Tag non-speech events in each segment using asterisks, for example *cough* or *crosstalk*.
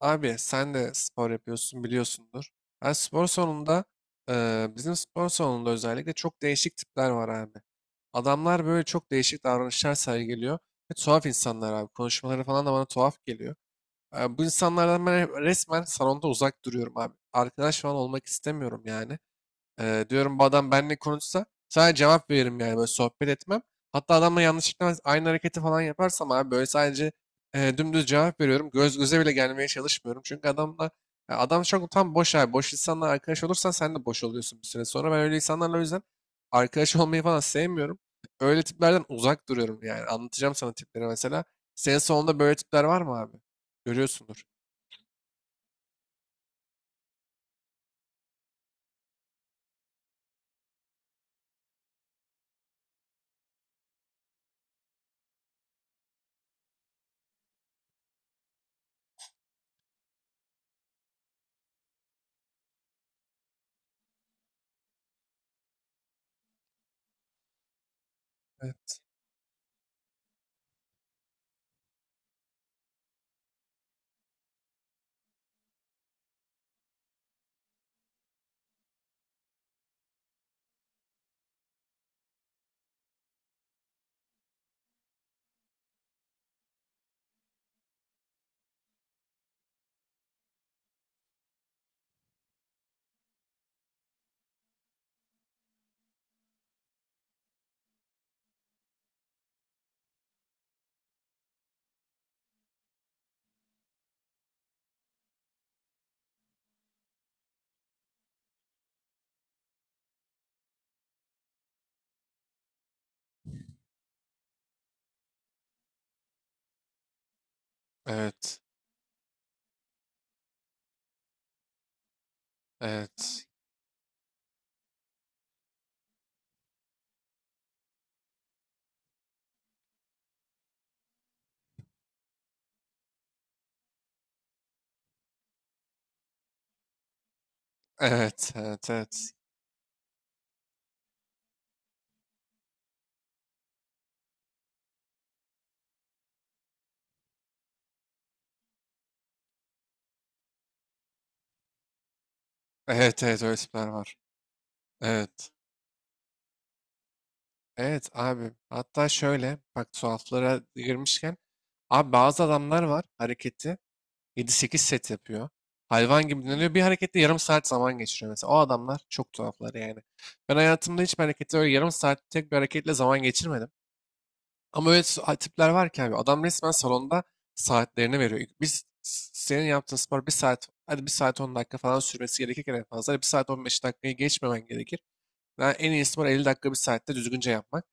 Abi sen de spor yapıyorsun biliyorsundur. Ben spor salonunda Bizim spor salonunda özellikle çok değişik tipler var abi. Adamlar böyle çok değişik davranışlar sergiliyor. Ve tuhaf insanlar abi. Konuşmaları falan da bana tuhaf geliyor. Bu insanlardan ben resmen salonda uzak duruyorum abi. Arkadaş falan olmak istemiyorum yani. Diyorum bu adam benimle konuşsa sadece cevap veririm yani böyle sohbet etmem. Hatta adamla yanlışlıkla aynı hareketi falan yaparsam abi böyle sadece dümdüz cevap veriyorum. Göz göze bile gelmeye çalışmıyorum. Çünkü adamla Ya adam çok tam boş abi. Boş insanla arkadaş olursan sen de boş oluyorsun bir süre sonra. Ben öyle insanlarla o yüzden arkadaş olmayı falan sevmiyorum. Öyle tiplerden uzak duruyorum yani. Anlatacağım sana tipleri mesela. Senin sonunda böyle tipler var mı abi? Görüyorsundur. Evet. Evet. Evet. Evet. Evet. Evet. Evet. Evet. Öyle tipler var. Evet. Evet abi. Hatta şöyle bak tuhaflara girmişken abi bazı adamlar var hareketi 7-8 set yapıyor. Hayvan gibi dinleniyor. Bir harekette yarım saat zaman geçiriyor mesela. O adamlar çok tuhaflar yani. Ben hayatımda hiçbir harekette öyle yarım saat tek bir hareketle zaman geçirmedim. Ama öyle tipler var ki abi adam resmen salonda saatlerini veriyor. Senin yaptığın spor bir saat hadi bir saat 10 dakika falan sürmesi gerekirken en fazla bir saat 15 dakikayı geçmemen gerekir. Ben en iyisi var 50 dakika bir saatte düzgünce yapmak.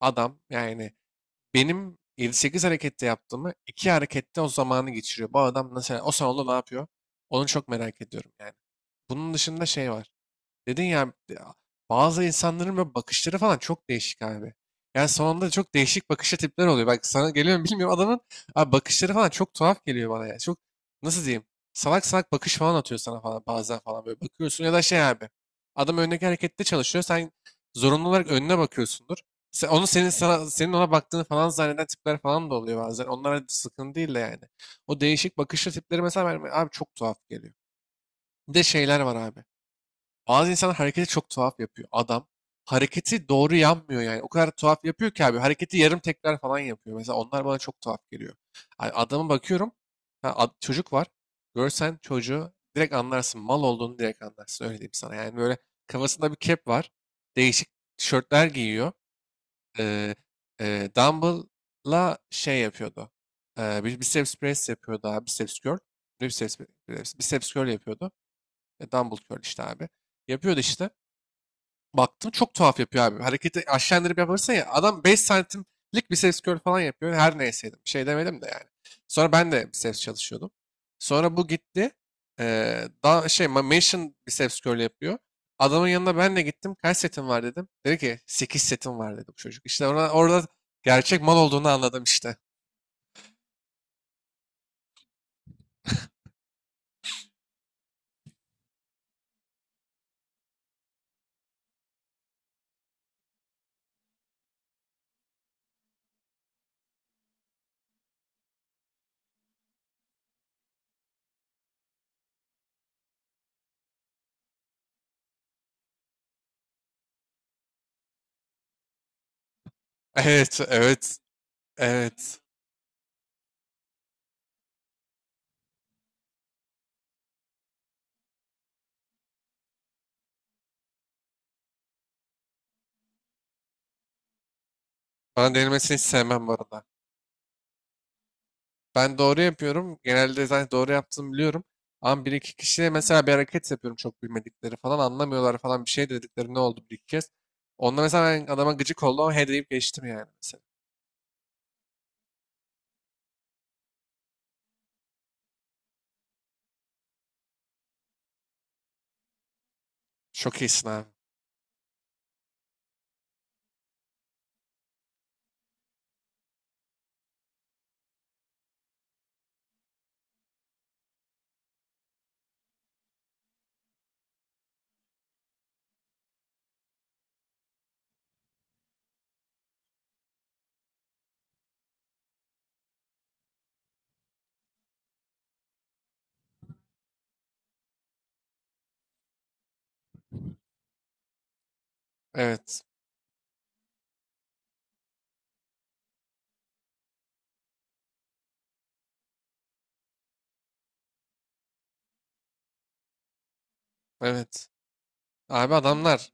Adam yani benim 7-8 harekette yaptığımı 2 harekette o zamanı geçiriyor. Bu adam nasıl o salonda ne yapıyor? Onu çok merak ediyorum yani. Bunun dışında şey var. Dedin ya bazı insanların böyle bakışları falan çok değişik abi. Yani sonunda çok değişik bakışlı tipler oluyor. Bak sana geliyor mu bilmiyorum adamın abi bakışları falan çok tuhaf geliyor bana ya. Çok nasıl diyeyim salak salak bakış falan atıyor sana falan bazen falan böyle bakıyorsun ya da şey abi. Adam öndeki harekette çalışıyor sen zorunlu olarak önüne bakıyorsundur. Onu senin sana, senin ona baktığını falan zanneden tipler falan da oluyor bazen. Onlara sıkıntı değil de yani. O değişik bakışlı tipleri mesela abi çok tuhaf geliyor. Bir de şeyler var abi. Bazı insanlar hareketi çok tuhaf yapıyor. Adam hareketi doğru yapmıyor yani. O kadar tuhaf yapıyor ki abi. Hareketi yarım tekrar falan yapıyor. Mesela onlar bana çok tuhaf geliyor. Yani adama bakıyorum. Ha, çocuk var. Görsen çocuğu direkt anlarsın. Mal olduğunu direkt anlarsın. Öyle diyeyim sana. Yani böyle kafasında bir kep var. Değişik tişörtler giyiyor. Ee, Dumbbell'la şey yapıyordu. Bir biceps press yapıyordu abi. Biceps curl. Ne Biceps, biceps curl yapıyordu. Dumbbell curl işte abi. Yapıyordu işte baktım çok tuhaf yapıyor abi. Hareketi aşağı indirip yaparsa ya adam 5 santimlik biceps curl falan yapıyor. Her neyseydim. Bir şey demedim de yani. Sonra ben de biceps çalışıyordum. Sonra bu gitti. Mansion biceps curl yapıyor. Adamın yanına ben de gittim. Kaç setin var dedim. Dedi ki 8 setim var dedi bu çocuk. İşte orada gerçek mal olduğunu anladım işte. *laughs* Evet, evet, evet. Bana denilmesini hiç sevmem bu arada. Ben doğru yapıyorum. Genelde zaten doğru yaptığımı biliyorum. Ama bir iki kişiye mesela bir hareket yapıyorum çok bilmedikleri falan anlamıyorlar falan bir şey dedikleri ne oldu bir iki kez. Onda mesela ben adama gıcık oldum ama he deyip geçtim yani mesela. Çok iyisin abi. Evet. Evet. Abi adamlar.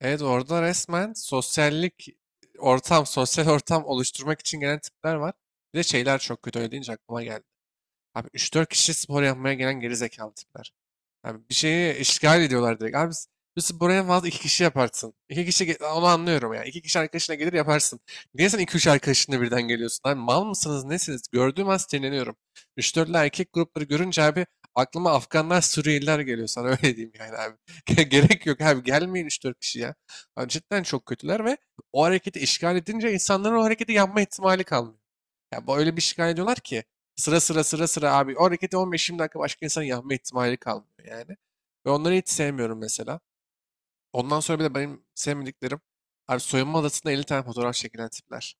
Evet orada resmen sosyal ortam oluşturmak için gelen tipler var. Bir de şeyler çok kötü öyle deyince aklıma geldi. Abi üç dört kişi spor yapmaya gelen geri zekalı tipler. Abi bir şeyi işgal ediyorlar direkt. Biz buraya en fazla iki kişi yaparsın. İki kişi onu anlıyorum ya. İki kişi arkadaşına gelir yaparsın. Niye sen iki üç arkadaşınla birden geliyorsun? Abi mal mısınız nesiniz? Gördüğüm an sinirleniyorum. Üç dörtlü erkek grupları görünce abi aklıma Afganlar Suriyeliler geliyor sana *laughs* öyle diyeyim yani abi. *laughs* Gerek yok abi gelmeyin üç dört kişi ya. Abi cidden çok kötüler ve o hareketi işgal edince insanların o hareketi yapma ihtimali kalmıyor. Ya bu öyle bir şikayet ediyorlar ki sıra sıra sıra sıra abi o hareketi 15-20 dakika başka insanın yapma ihtimali kalmıyor yani. Ve onları hiç sevmiyorum mesela. Ondan sonra bir de benim sevmediklerim abi soyunma odasında 50 tane fotoğraf çekilen tipler.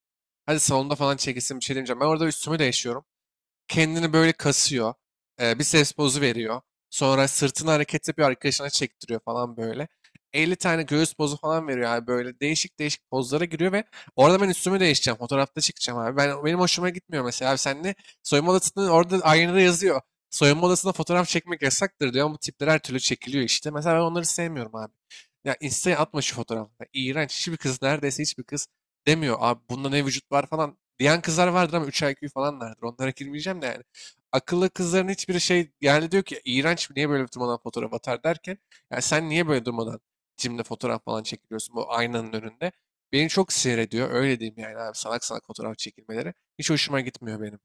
Hadi salonda falan çekilsin bir şey demeyeceğim. Ben orada üstümü değişiyorum kendini böyle kasıyor. Biceps pozu veriyor. Sonra sırtını hareket yapıyor arkadaşına çektiriyor falan böyle. 50 tane göğüs pozu falan veriyor abi böyle değişik değişik pozlara giriyor ve orada ben üstümü değişeceğim. Fotoğrafta çıkacağım abi. Benim hoşuma gitmiyor mesela. Abi sen ne soyunma odasında orada aynada yazıyor. Soyunma odasında fotoğraf çekmek yasaktır diyor ama bu tipler her türlü çekiliyor işte. Mesela ben onları sevmiyorum abi. Ya Insta'ya atma şu fotoğrafı. İğrenç. Hiçbir kız Neredeyse hiçbir kız demiyor. Abi bunda ne vücut var falan. Diyen kızlar vardır ama 3 IQ falan vardır. Onlara girmeyeceğim de yani. Akıllı kızların hiçbiri şey yani diyor ki iğrenç niye böyle durmadan fotoğraf atar derken ya sen niye böyle durmadan cimde fotoğraf falan çekiliyorsun bu aynanın önünde. Beni çok sinir ediyor. Öyle diyeyim yani abi salak salak fotoğraf çekilmeleri. Hiç hoşuma gitmiyor benim.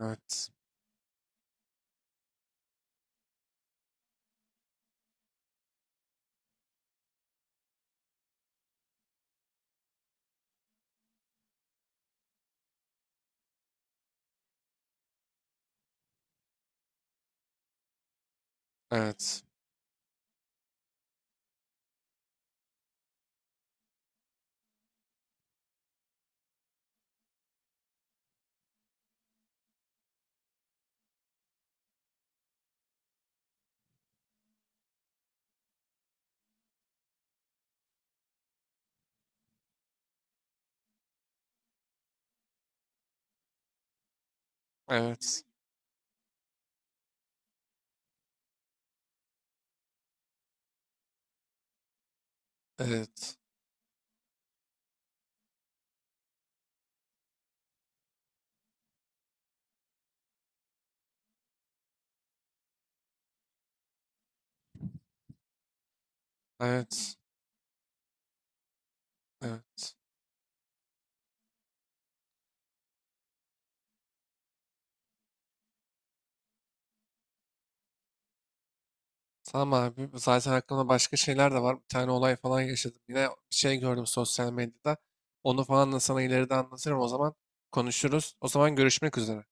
Evet. Evet. Evet. Evet. Evet. Evet. Tamam abi. Zaten aklımda başka şeyler de var. Bir tane olay falan yaşadım. Yine bir şey gördüm sosyal medyada. Onu falan da sana ileride anlatırım o zaman. Konuşuruz. O zaman görüşmek üzere.